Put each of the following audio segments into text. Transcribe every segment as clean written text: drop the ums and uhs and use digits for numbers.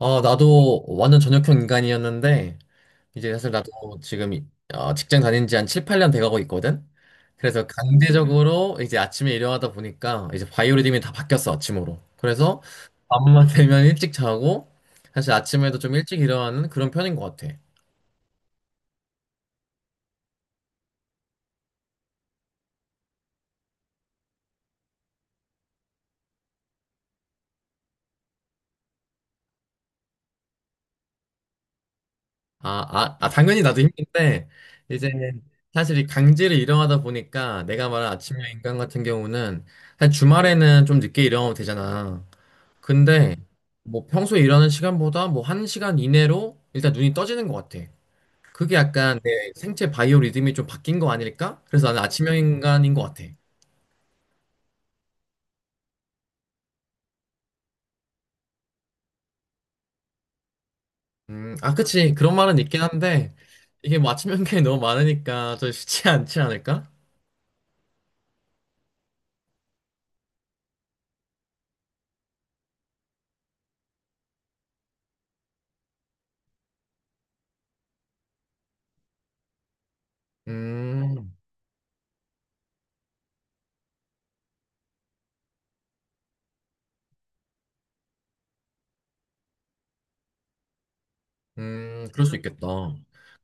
어 나도 완전 전역형 인간이었는데, 이제 사실 나도 지금 직장 다닌 지 한 7, 8년 돼가고 있거든? 그래서 강제적으로 이제 아침에 일어나다 보니까 이제 바이오리듬이 다 바뀌었어, 아침으로. 그래서 밤만 되면 일찍 자고, 사실 아침에도 좀 일찍 일어나는 그런 편인 것 같아. 아, 아, 아, 당연히 나도 힘든데, 이제 사실 이 강제로 일어나다 보니까 내가 말한 아침형 인간 같은 경우는 사실 주말에는 좀 늦게 일어나면 되잖아. 근데 뭐 평소에 일하는 시간보다 뭐 한시간 이내로 일단 눈이 떠지는 것 같아. 그게 약간 내 생체 바이오 리듬이 좀 바뀐 거 아닐까? 그래서 나는 아침형 인간인 것 같아. 아, 그치. 그런 말은 있긴 한데 이게 뭐 아침 인간이 너무 많으니까 좀 쉽지 않지 않을까? 음, 그럴 수 있겠다.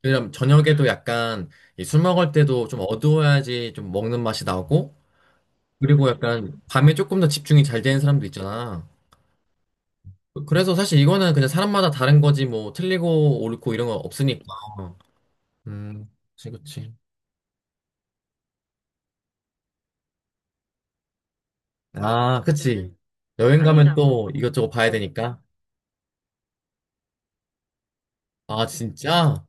왜냐면 저녁에도 약간 이술 먹을 때도 좀 어두워야지 좀 먹는 맛이 나고 그리고 약간 밤에 조금 더 집중이 잘 되는 사람도 있잖아. 그래서 사실 이거는 그냥 사람마다 다른 거지 뭐 틀리고 옳고 이런 거 없으니까. 음, 그치, 그치. 아, 그치. 여행 가면 또 이것저것 봐야 되니까. 아, 진짜?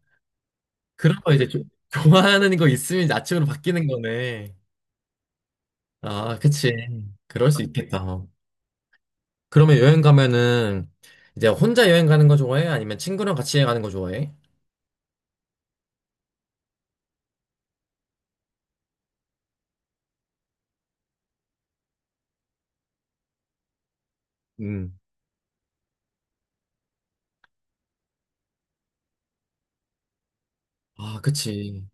그러면 이제 좋아하는 거 있으면 이제 아침으로 바뀌는 거네. 아, 그치. 그럴 수 있겠다. 어. 그러면 여행 가면은 이제 혼자 여행 가는 거 좋아해? 아니면 친구랑 같이 가는 거 좋아해? 음. 아, 그치.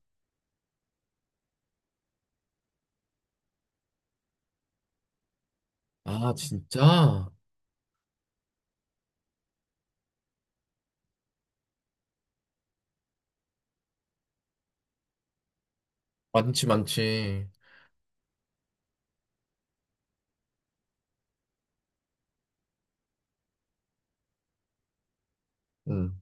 아, 진짜? 많지, 많지. 음.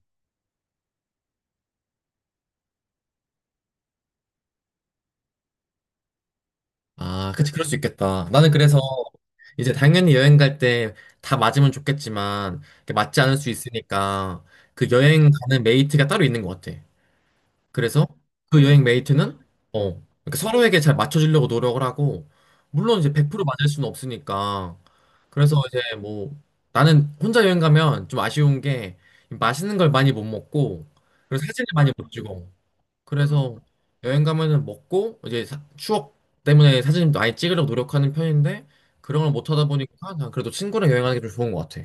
아, 그치, 그럴 수 있겠다. 나는 그래서 이제 당연히 여행 갈 때 다 맞으면 좋겠지만, 이렇게 맞지 않을 수 있으니까, 그 여행 가는 메이트가 따로 있는 것 같아. 그래서 그 여행 메이트는, 어, 이렇게 서로에게 잘 맞춰주려고 노력을 하고, 물론 이제 100% 맞을 수는 없으니까. 그래서 이제 뭐, 나는 혼자 여행 가면 좀 아쉬운 게, 맛있는 걸 많이 못 먹고, 그리고 사진을 많이 못 찍어. 그래서 여행 가면은 먹고 추억 때문에 사진 많이 찍으려고 노력하는 편인데 그런 걸 못 하다 보니까 난 그래도 친구랑 여행하는 게 좀 좋은 것 같아.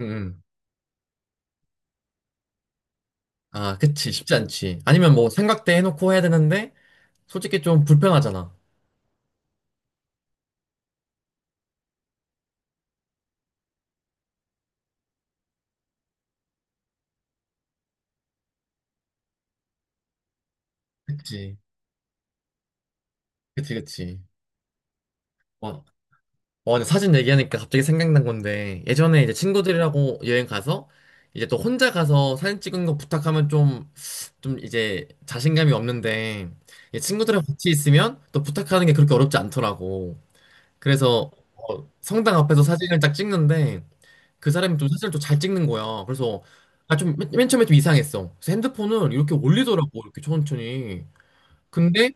응, 응. 아, 그치. 쉽지 않지. 아니면 뭐 생각대 해놓고 해야 되는데 솔직히 좀 불편하잖아. 그치. 그치, 그치. 와, 와, 근데 사진 얘기하니까 갑자기 생각난 건데 예전에 이제 친구들이라고 여행 가서 이제 또 혼자 가서 사진 찍은 거 부탁하면 좀 이제 자신감이 없는데 이제 친구들이랑 같이 있으면 또 부탁하는 게 그렇게 어렵지 않더라고. 그래서 어, 성당 앞에서 사진을 딱 찍는데 그 사람이 좀 사진을 좀 잘 찍는 거야. 그래서 아, 좀, 맨 처음에 좀 이상했어. 그래서 핸드폰을 이렇게 올리더라고, 이렇게 천천히. 근데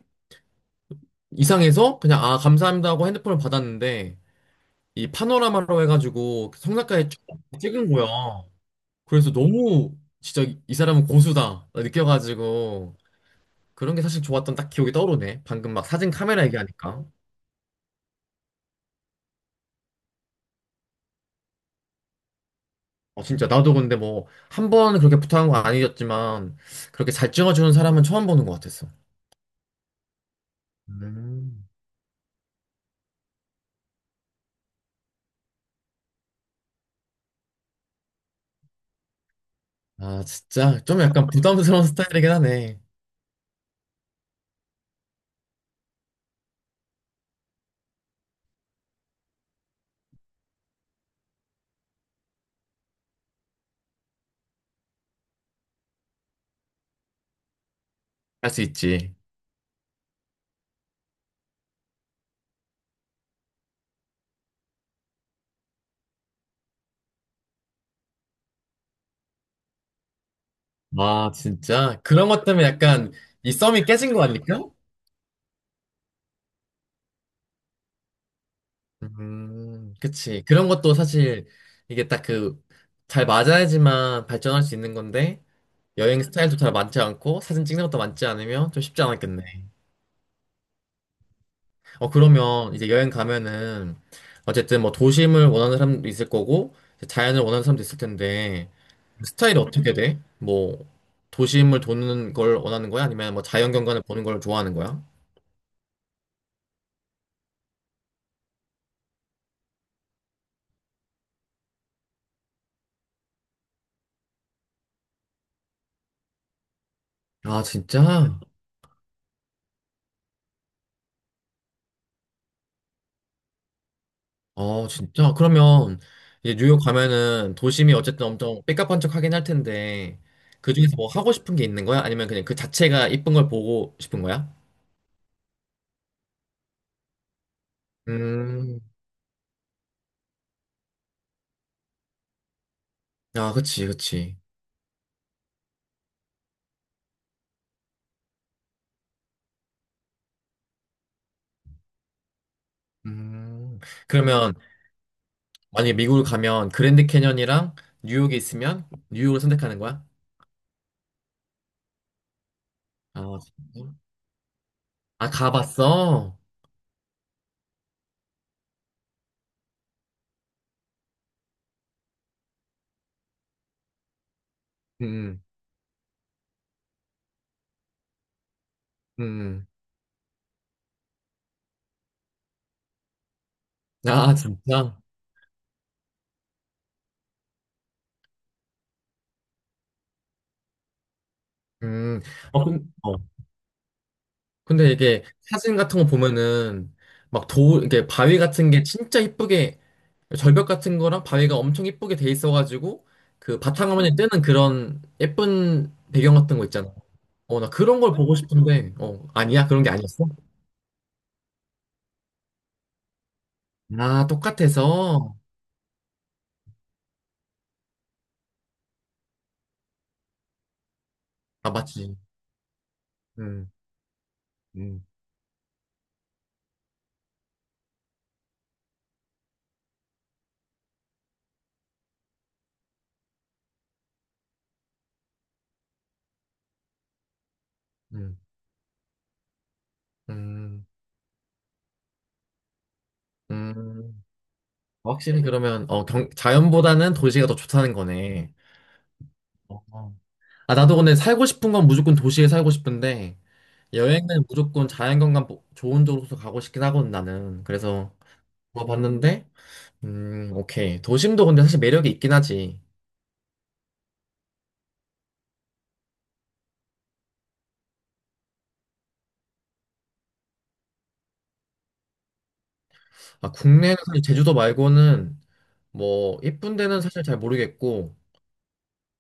이상해서 그냥 아, 감사합니다 하고 핸드폰을 받았는데 이 파노라마로 해가지고 성당까지 쭉 찍은 거야. 그래서 너무 진짜 이 사람은 고수다 느껴가지고 그런 게 사실 좋았던 딱 기억이 떠오르네. 방금 막 사진 카메라 얘기하니까. 어, 진짜 나도 근데 뭐 한 번 그렇게 부탁한 건 아니었지만 그렇게 잘 찍어주는 사람은 처음 보는 것 같았어. 음. 아 진짜 좀 약간 부담스러운 스타일이긴 하네. 할 수 있지. 아 진짜 그런 것 때문에 약간 이 썸이 깨진 거 아닐까? 그치. 그런 것도 사실 이게 딱 그 잘 맞아야지만 발전할 수 있는 건데 여행 스타일도 잘 맞지 않고 사진 찍는 것도 맞지 않으면 좀 쉽지 않았겠네. 어, 그러면 이제 여행 가면은 어쨌든 뭐 도심을 원하는 사람도 있을 거고 이제 자연을 원하는 사람도 있을 텐데 스타일이 어떻게 돼? 뭐 도심을 도는 걸 원하는 거야? 아니면 뭐 자연 경관을 보는 걸 좋아하는 거야? 아, 진짜? 어, 진짜? 그러면 이제 뉴욕 가면은 도심이 어쨌든 엄청 삐까뻔쩍하긴 할 텐데 그중에서 뭐 하고 싶은 게 있는 거야? 아니면 그냥 그 자체가 이쁜 걸 보고 싶은 거야? 음, 아, 그치, 그치. 음, 그러면 만약에 미국을 가면 그랜드 캐년이랑 뉴욕에 있으면 뉴욕을 선택하는 거야? 아, 진짜? 아, 가봤어? 음, 음. 아, 진짜? 음. 어, 근, 어. 근데 이게 사진 같은 거 보면은 이게 바위 같은 게 진짜 이쁘게 절벽 같은 거랑 바위가 엄청 이쁘게 돼 있어가지고 그 바탕화면에 뜨는 그런 예쁜 배경 같은 거 있잖아. 어, 나 그런 걸 보고 싶은데, 어, 아니야? 그런 게 아니었어? 아, 똑같아서? 아, 맞지. 음, 음, 음, 음, 음. 확실히 그러면 어, 자연보다는 도시가 더 좋다는 거네. 어. 아, 나도 근데 살고 싶은 건 무조건 도시에 살고 싶은데 여행은 무조건 자연경관 좋은 쪽으로 가고 싶긴 하거든 나는. 그래서 물어봤는데 오케이. 도심도 근데 사실 매력이 있긴 하지. 아, 국내는 사실 제주도 말고는 뭐 이쁜 데는 사실 잘 모르겠고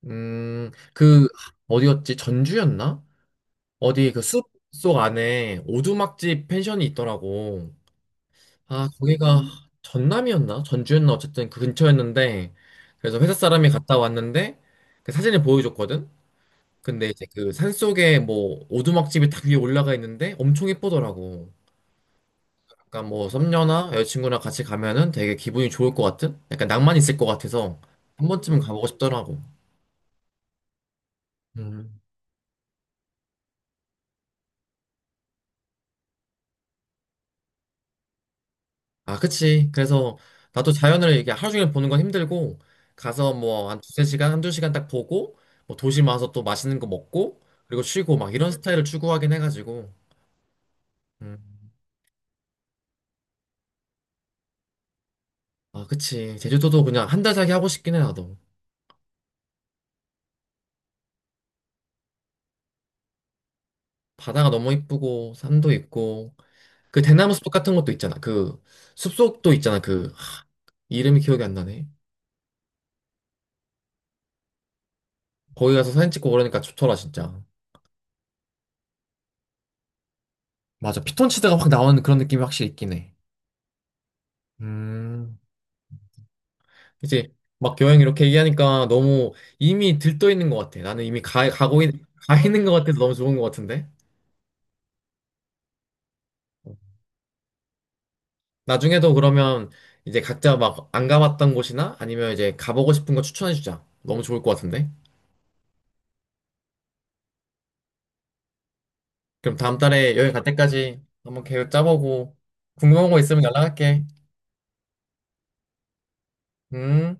그 어디였지? 전주였나? 어디 그 숲 속 안에 오두막집 펜션이 있더라고. 아, 거기가 전남이었나? 전주였나? 어쨌든 그 근처였는데, 그래서 회사 사람이 갔다 왔는데, 그 사진을 보여줬거든? 근데 이제 그 산속에 뭐 오두막집이 딱 위에 올라가 있는데 엄청 예쁘더라고. 약간 뭐 썸녀나 여자친구랑 같이 가면은 되게 기분이 좋을 것 같은? 약간 낭만 있을 것 같아서 한 번쯤은 가보고 싶더라고. 음. 아, 그치. 그래서 나도 자연을 이게 하루 종일 보는 건 힘들고, 가서 뭐 한 두세 시간, 한두 시간 딱 보고, 뭐 도시 와서 또 맛있는 거 먹고, 그리고 쉬고 막 이런 스타일을 추구하긴 해가지고. 음. 아, 그치. 제주도도 그냥 한달 살기 하고 싶긴 해, 나도. 바다가 너무 이쁘고, 산도 있고, 그 대나무 숲 같은 것도 있잖아. 그 숲속도 있잖아. 이름이 기억이 안 나네. 거기 가서 사진 찍고 그러니까 좋더라, 진짜. 맞아. 피톤치드가 확 나오는 그런 느낌이 확실히 있긴 해. 음. 이제 막 여행 이렇게 얘기하니까 너무 이미 들떠 있는 것 같아. 나는 이미 가 있는 것 같아서 너무 좋은 것 같은데. 나중에도 그러면 이제 각자 막 안 가봤던 곳이나 아니면 이제 가보고 싶은 거 추천해 주자. 너무 좋을 것 같은데. 그럼 다음 달에 여행 갈 때까지 한번 계획 짜보고 궁금한 거 있으면 연락할게. 음.